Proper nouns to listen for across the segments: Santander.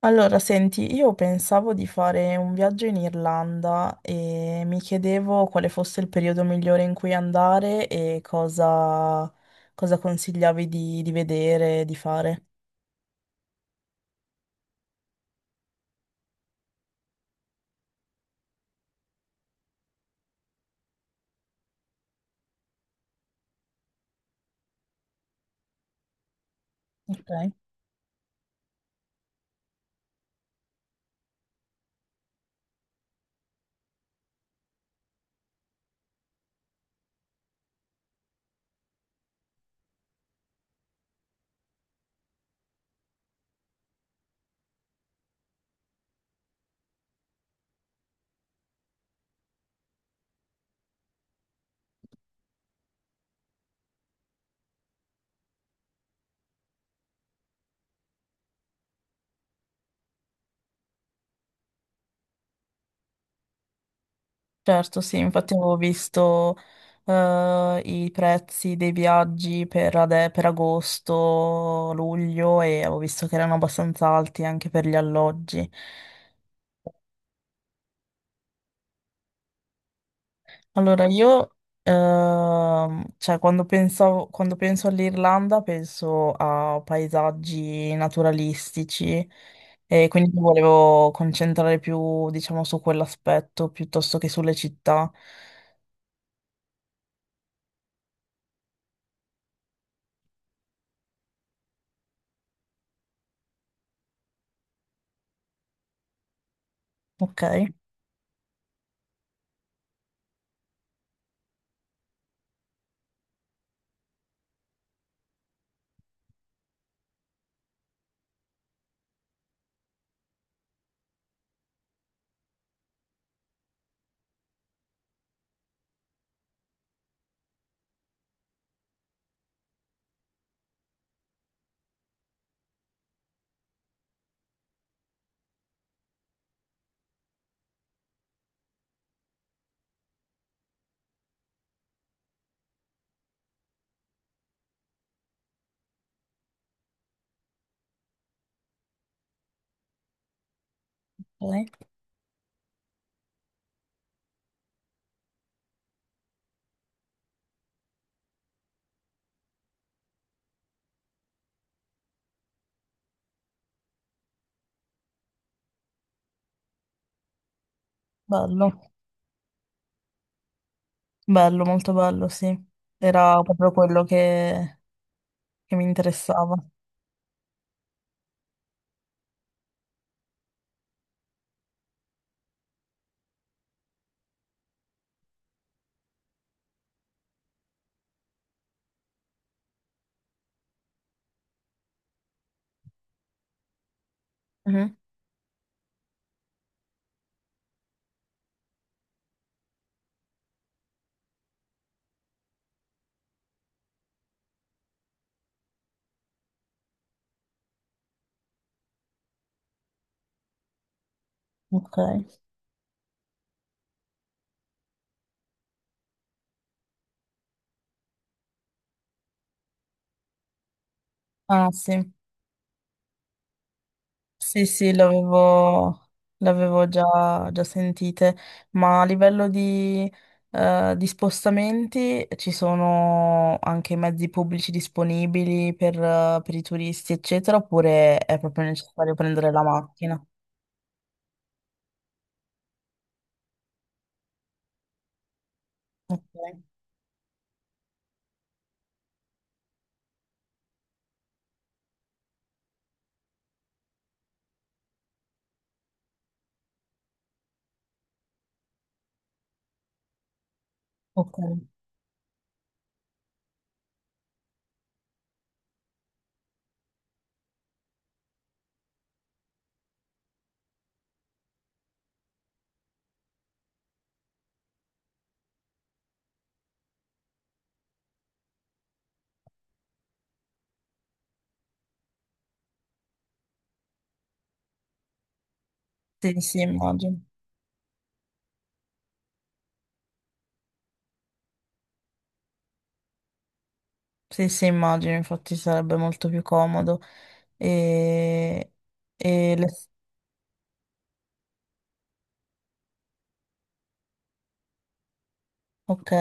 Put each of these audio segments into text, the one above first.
Allora, senti, io pensavo di fare un viaggio in Irlanda e mi chiedevo quale fosse il periodo migliore in cui andare e cosa consigliavi di vedere, di fare. Ok. Certo, sì, infatti avevo visto i prezzi dei viaggi per, per agosto, luglio e avevo visto che erano abbastanza alti anche per gli alloggi. Allora, io, cioè, quando penso all'Irlanda penso a paesaggi naturalistici e quindi mi volevo concentrare più, diciamo, su quell'aspetto piuttosto che sulle città. Ok, ok. Bello, bello, molto bello, sì. Era proprio quello che mi interessava. Mhm. Ok. Ah, sì. Sì, sì, l'avevo già sentite, ma a livello di spostamenti ci sono anche mezzi pubblici disponibili per i turisti, eccetera, oppure è proprio necessario prendere la macchina? Ok, ok. Sì, sì, immagino. Sì, sì, immagino, infatti sarebbe molto più comodo. E, e le- Ok,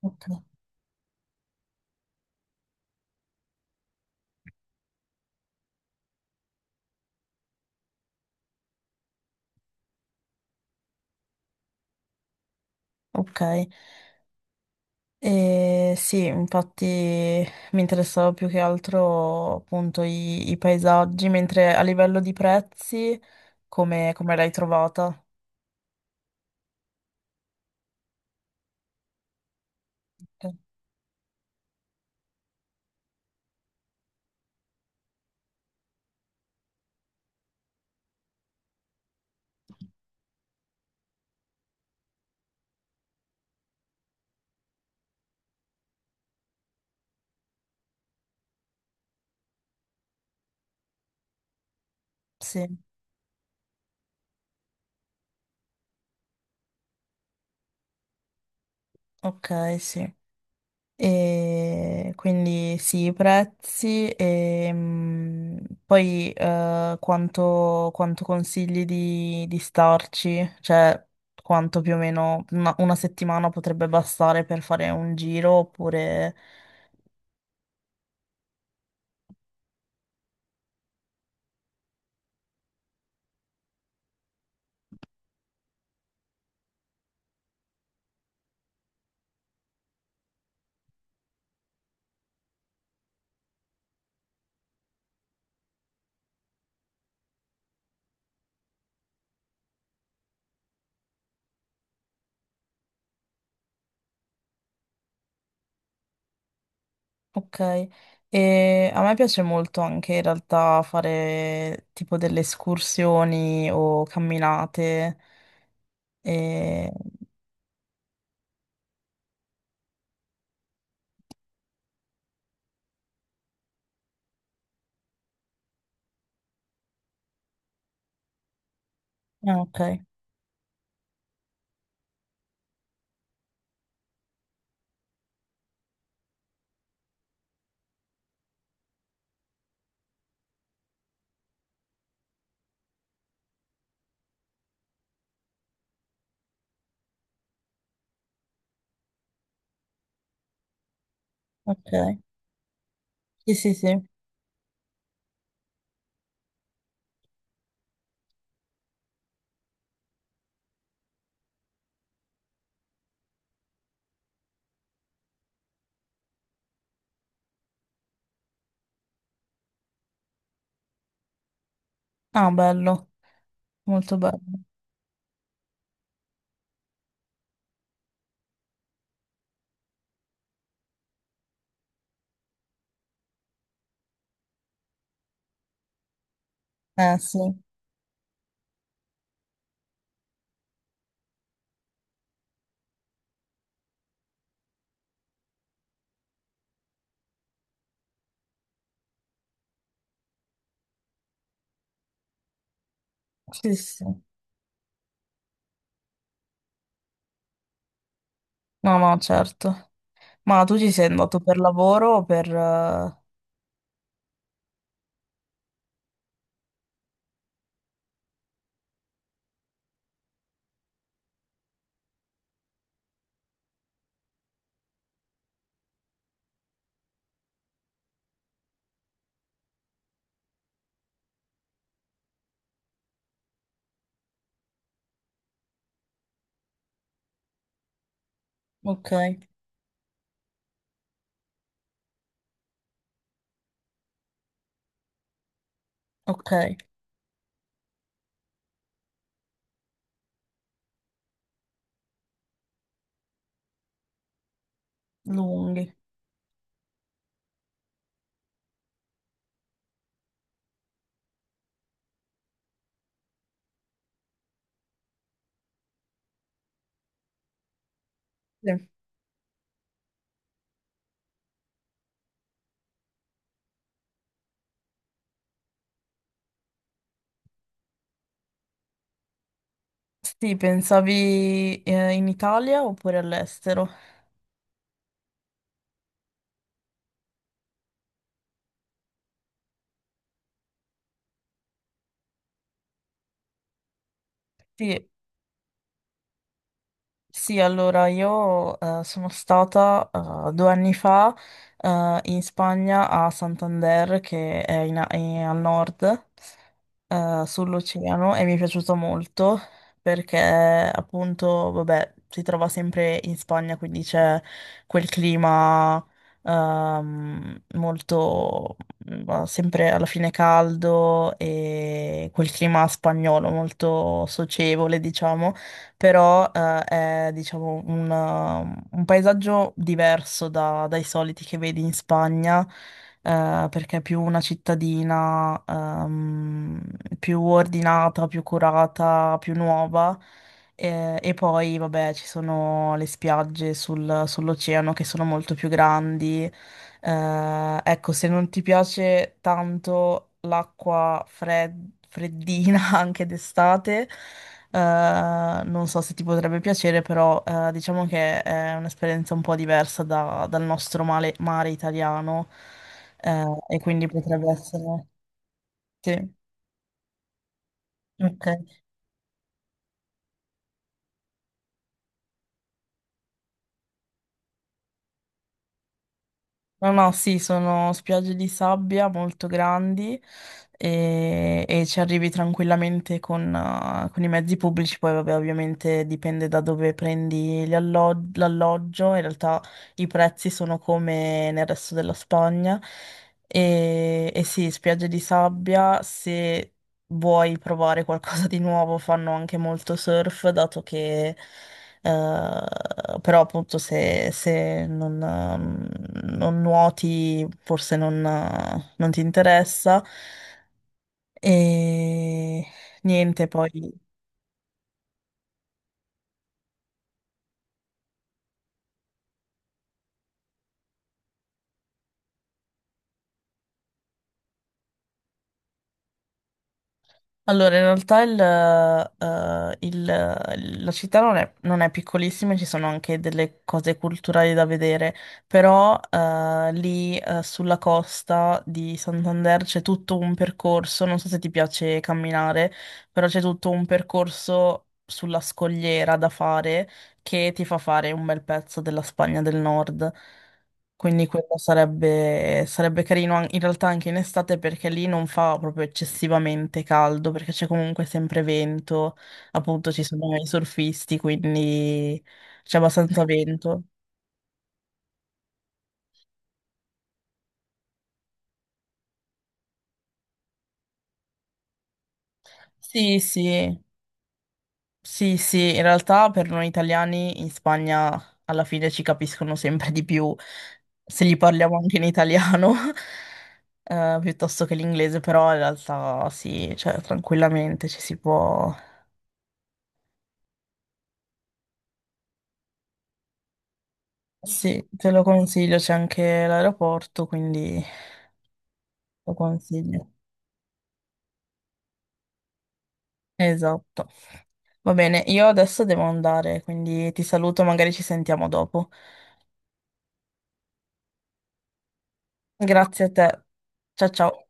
ok, ok. E sì, infatti mi interessava più che altro appunto i paesaggi, mentre a livello di prezzi, come l'hai trovata? Ok. Sì, ok, sì. E quindi sì, i prezzi e poi quanto consigli di starci? Cioè, quanto più o meno una settimana potrebbe bastare per fare un giro oppure... Ok, e a me piace molto anche in realtà fare tipo delle escursioni o camminate. E... ah, ok, ok. Sì, sì, sì. Ah, bello, molto bello. Sì. Sì, sì. No, no, certo. Ma tu ci sei andato per lavoro o per... Ok, ok, lunghi. Sì, sì, pensavi in Italia oppure all'estero? Sì, sì, allora io sono stata due anni fa in Spagna a Santander, che è, è al nord, sull'oceano, e mi è piaciuto molto perché appunto, vabbè, si trova sempre in Spagna, quindi c'è quel clima molto, sempre alla fine caldo e quel clima spagnolo molto socievole, diciamo però è diciamo un paesaggio diverso dai soliti che vedi in Spagna, perché è più una cittadina più ordinata, più curata, più nuova. E, poi, vabbè, ci sono le spiagge sull'oceano che sono molto più grandi, ecco, se non ti piace tanto l'acqua freddina anche d'estate, non so se ti potrebbe piacere, però diciamo che è un'esperienza un po' diversa dal nostro mare italiano, e quindi potrebbe essere... Sì, ok. No, no, sì, sono spiagge di sabbia molto grandi e ci arrivi tranquillamente con i mezzi pubblici, poi vabbè, ovviamente dipende da dove prendi l'alloggio, in realtà i prezzi sono come nel resto della Spagna e sì, spiagge di sabbia, se vuoi provare qualcosa di nuovo fanno anche molto surf, dato che... però appunto se non, non nuoti forse non, non ti interessa. E niente, poi. Allora, in realtà la città non è piccolissima, ci sono anche delle cose culturali da vedere, però lì sulla costa di Santander c'è tutto un percorso, non so se ti piace camminare, però c'è tutto un percorso sulla scogliera da fare che ti fa fare un bel pezzo della Spagna del Nord. Quindi quello sarebbe carino in realtà anche in estate perché lì non fa proprio eccessivamente caldo perché c'è comunque sempre vento, appunto ci sono i surfisti, quindi c'è abbastanza vento. Sì, sì, sì, sì, in realtà per noi italiani in Spagna alla fine ci capiscono sempre di più se gli parliamo anche in italiano piuttosto che l'inglese, però in realtà sì, cioè tranquillamente ci si può... Sì, te lo consiglio, c'è anche l'aeroporto, quindi lo consiglio. Esatto. Va bene, io adesso devo andare, quindi ti saluto, magari ci sentiamo dopo. Grazie a te. Ciao ciao.